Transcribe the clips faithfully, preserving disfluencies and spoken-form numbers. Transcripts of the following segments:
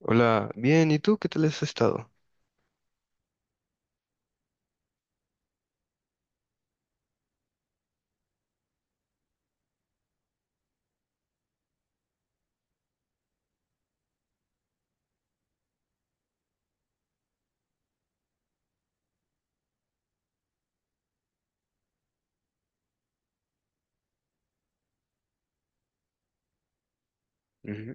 Hola, bien, ¿y tú qué tal has estado? Ujú.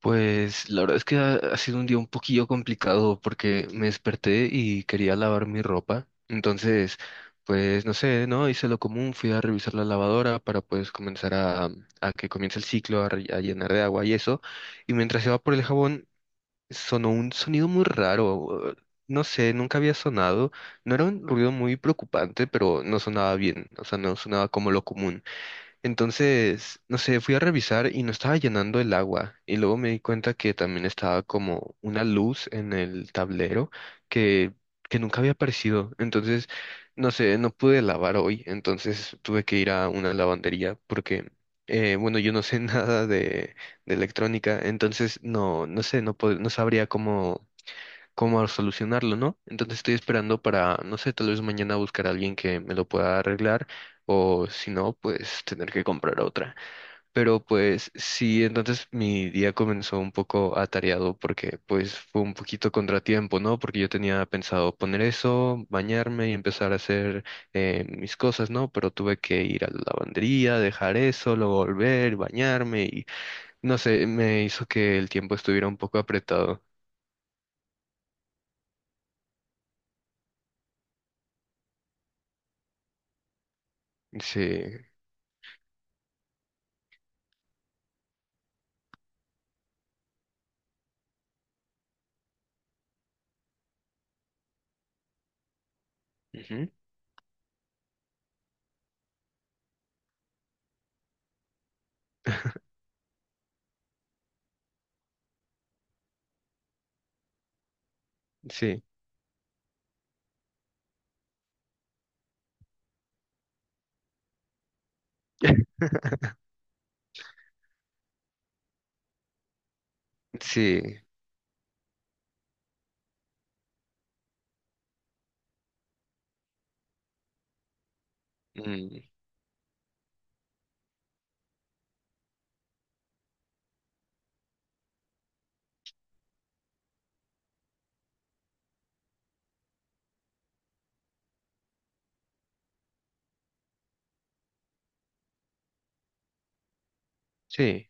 Pues la verdad es que ha, ha sido un día un poquillo complicado porque me desperté y quería lavar mi ropa. Entonces, pues no sé, ¿no? Hice lo común, fui a revisar la lavadora para pues comenzar a, a que comience el ciclo, a, re- a llenar de agua y eso. Y mientras iba por el jabón, sonó un sonido muy raro. eh, No sé, nunca había sonado. No era un ruido muy preocupante, pero no sonaba bien. O sea, no sonaba como lo común. Entonces, no sé, fui a revisar y no estaba llenando el agua. Y luego me di cuenta que también estaba como una luz en el tablero que, que nunca había aparecido. Entonces, no sé, no pude lavar hoy. Entonces tuve que ir a una lavandería porque, eh, bueno, yo no sé nada de, de electrónica. Entonces, no, no sé, no, pod- no sabría cómo solucionarlo, ¿no? Entonces estoy esperando para, no sé, tal vez mañana buscar a alguien que me lo pueda arreglar o si no, pues tener que comprar otra. Pero pues sí, entonces mi día comenzó un poco atareado porque pues fue un poquito contratiempo, ¿no? Porque yo tenía pensado poner eso, bañarme y empezar a hacer eh, mis cosas, ¿no? Pero tuve que ir a la lavandería, dejar eso, luego volver, bañarme y no sé, me hizo que el tiempo estuviera un poco apretado. Sí. Ujú. Sí, sí, mm, sí,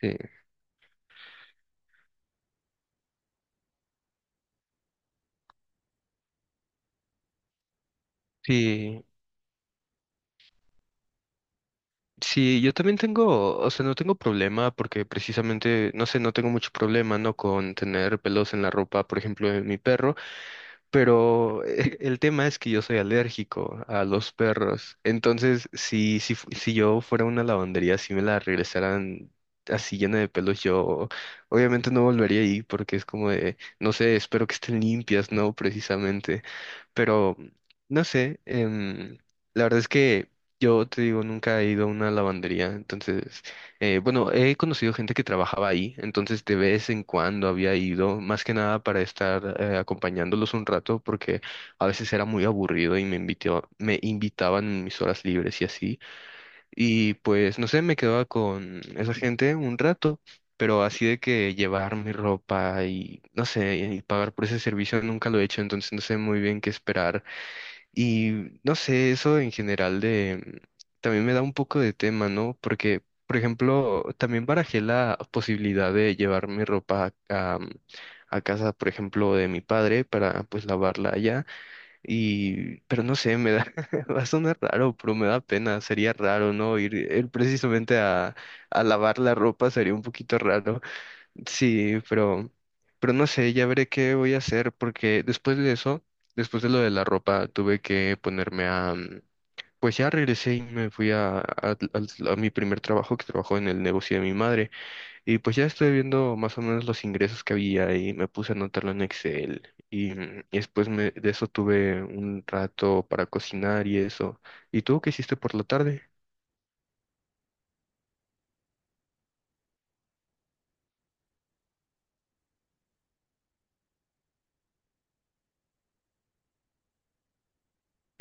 sí, sí, sí, yo también tengo, o sea, no tengo problema porque precisamente, no sé, no tengo mucho problema, ¿no? Con tener pelos en la ropa, por ejemplo, de mi perro. Pero eh, el tema es que yo soy alérgico a los perros. Entonces, si, si, fu- si yo fuera a una lavandería, si me la regresaran así llena de pelos, yo obviamente no volvería ahí porque es como de, no sé, espero que estén limpias, ¿no? Precisamente. Pero, no sé, em, la verdad es que yo te digo, nunca he ido a una lavandería. Entonces, eh, bueno, he conocido gente que trabajaba ahí, entonces de vez en cuando había ido, más que nada para estar eh, acompañándolos un rato, porque a veces era muy aburrido y me invitó- me invitaban en mis horas libres y así. Y pues, no sé, me quedaba con esa gente un rato, pero así de que llevar mi ropa y, no sé, y pagar por ese servicio nunca lo he hecho, entonces no sé muy bien qué esperar. Y no sé, eso en general de también me da un poco de tema, ¿no? Porque, por ejemplo, también barajé la posibilidad de llevar mi ropa a, a casa, por ejemplo, de mi padre para pues lavarla allá. Y, pero no sé, me da, va a sonar raro, pero me da pena, sería raro, ¿no? Ir, ir precisamente a, a lavar la ropa sería un poquito raro. Sí, pero, pero no sé, ya veré qué voy a hacer porque después de eso, después de lo de la ropa, tuve que ponerme a, mm, pues ya regresé y me fui a, a- al- a mi primer trabajo que trabajó en el negocio de mi madre y pues ya estoy viendo más o menos los ingresos que había y me puse a anotarlo en Excel y, mm, y después me- de eso tuve un rato para cocinar y eso. ¿Y tú qué hiciste por la tarde?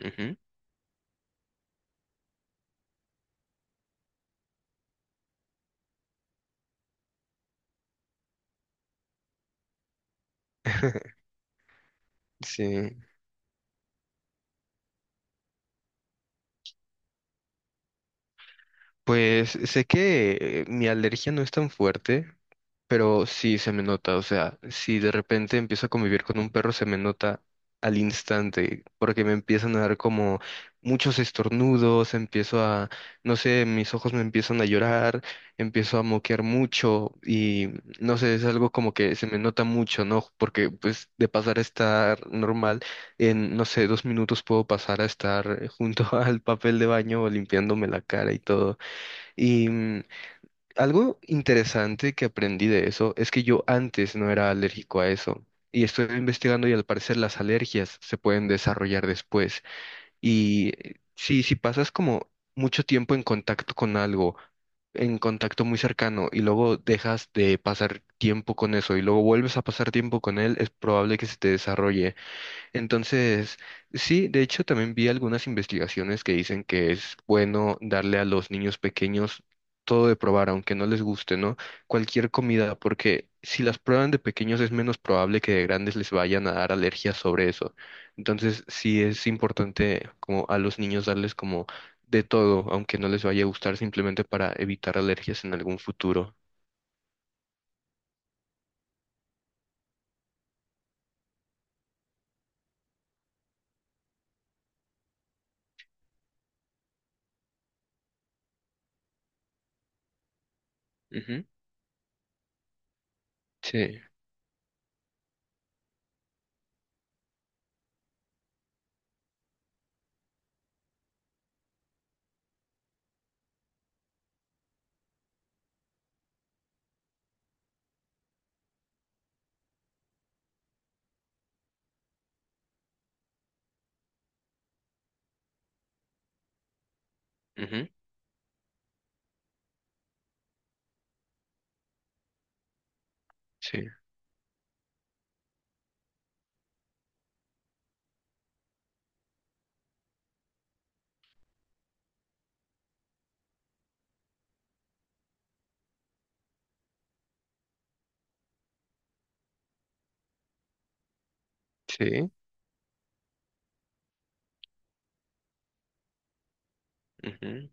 Ujú. Sí, pues sé que eh, mi alergia no es tan fuerte, pero sí se me nota, o sea, si de repente empiezo a convivir con un perro, se me nota al instante, porque me empiezan a dar como muchos estornudos, empiezo a, no sé, mis ojos me empiezan a llorar, empiezo a moquear mucho y no sé, es algo como que se me nota mucho, ¿no? Porque pues de pasar a estar normal, en, no sé, dos minutos puedo pasar a estar eh, junto al papel de baño limpiándome la cara y todo. y mm, Algo interesante que aprendí de eso es que yo antes no era alérgico a eso. Y estoy investigando y al parecer las alergias se pueden desarrollar después. Y eh, sí, si pasas como mucho tiempo en contacto con algo, en contacto muy cercano, y luego dejas de pasar tiempo con eso y luego vuelves a pasar tiempo con él, es probable que se te desarrolle. Entonces, sí, de hecho también vi algunas investigaciones que dicen que es bueno darle a los niños pequeños todo de probar, aunque no les guste, ¿no? Cualquier comida, porque si las prueban de pequeños es menos probable que de grandes les vayan a dar alergias sobre eso. Entonces, sí es importante como a los niños darles como de todo, aunque no les vaya a gustar, simplemente para evitar alergias en algún futuro. Ujú, sí, ujú, sí, sí, ujú,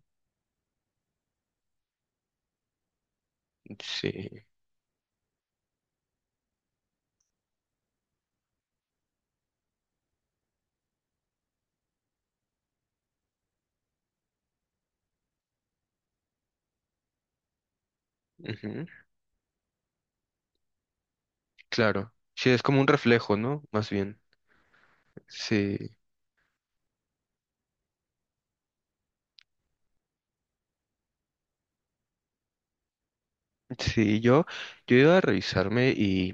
sí. Ujú. Claro. Sí, es como un reflejo, ¿no? Más bien. Sí. Sí, yo, yo iba a revisarme y,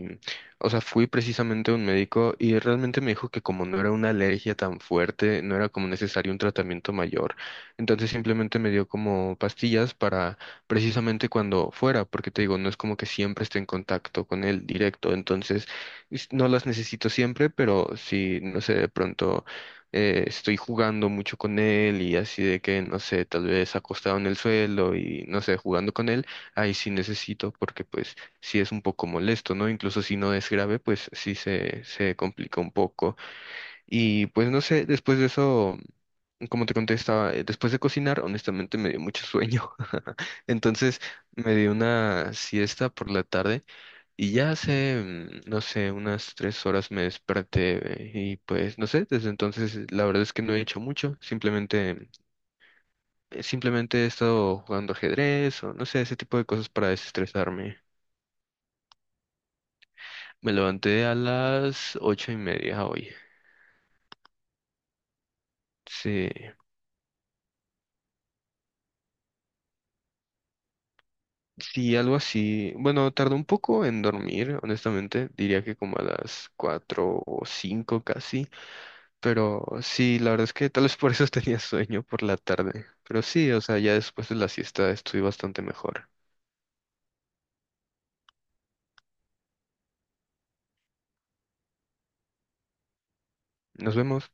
o sea, fui precisamente a un médico y realmente me dijo que como no era una alergia tan fuerte, no era como necesario un tratamiento mayor. Entonces simplemente me dio como pastillas para precisamente cuando fuera, porque te digo, no es como que siempre esté en contacto con él directo. Entonces, es- no las necesito siempre, pero si, no sé, de pronto... eh, estoy jugando mucho con él y así de que, no sé, tal vez acostado en el suelo y, no sé, jugando con él ahí sí necesito porque pues sí es un poco molesto, ¿no? Incluso si no es grave, pues sí se, se complica un poco. Y pues no sé, después de eso, como te contestaba, eh, después de cocinar, honestamente me dio mucho sueño. Entonces me di una siesta por la tarde y ya hace, mm, no sé, unas tres horas me desperté eh, y pues no sé, desde entonces la verdad es que no he hecho mucho, simplemente... Simplemente he estado jugando ajedrez o no sé, ese tipo de cosas para desestresarme. Me levanté a las ocho y media hoy. Sí, sí, algo así. Bueno, tardó un poco en dormir, honestamente. Diría que como a las cuatro o cinco casi. Pero sí, la verdad es que tal vez por eso tenía sueño por la tarde. Pero sí, o sea, ya después de la siesta estoy bastante mejor. Nos vemos.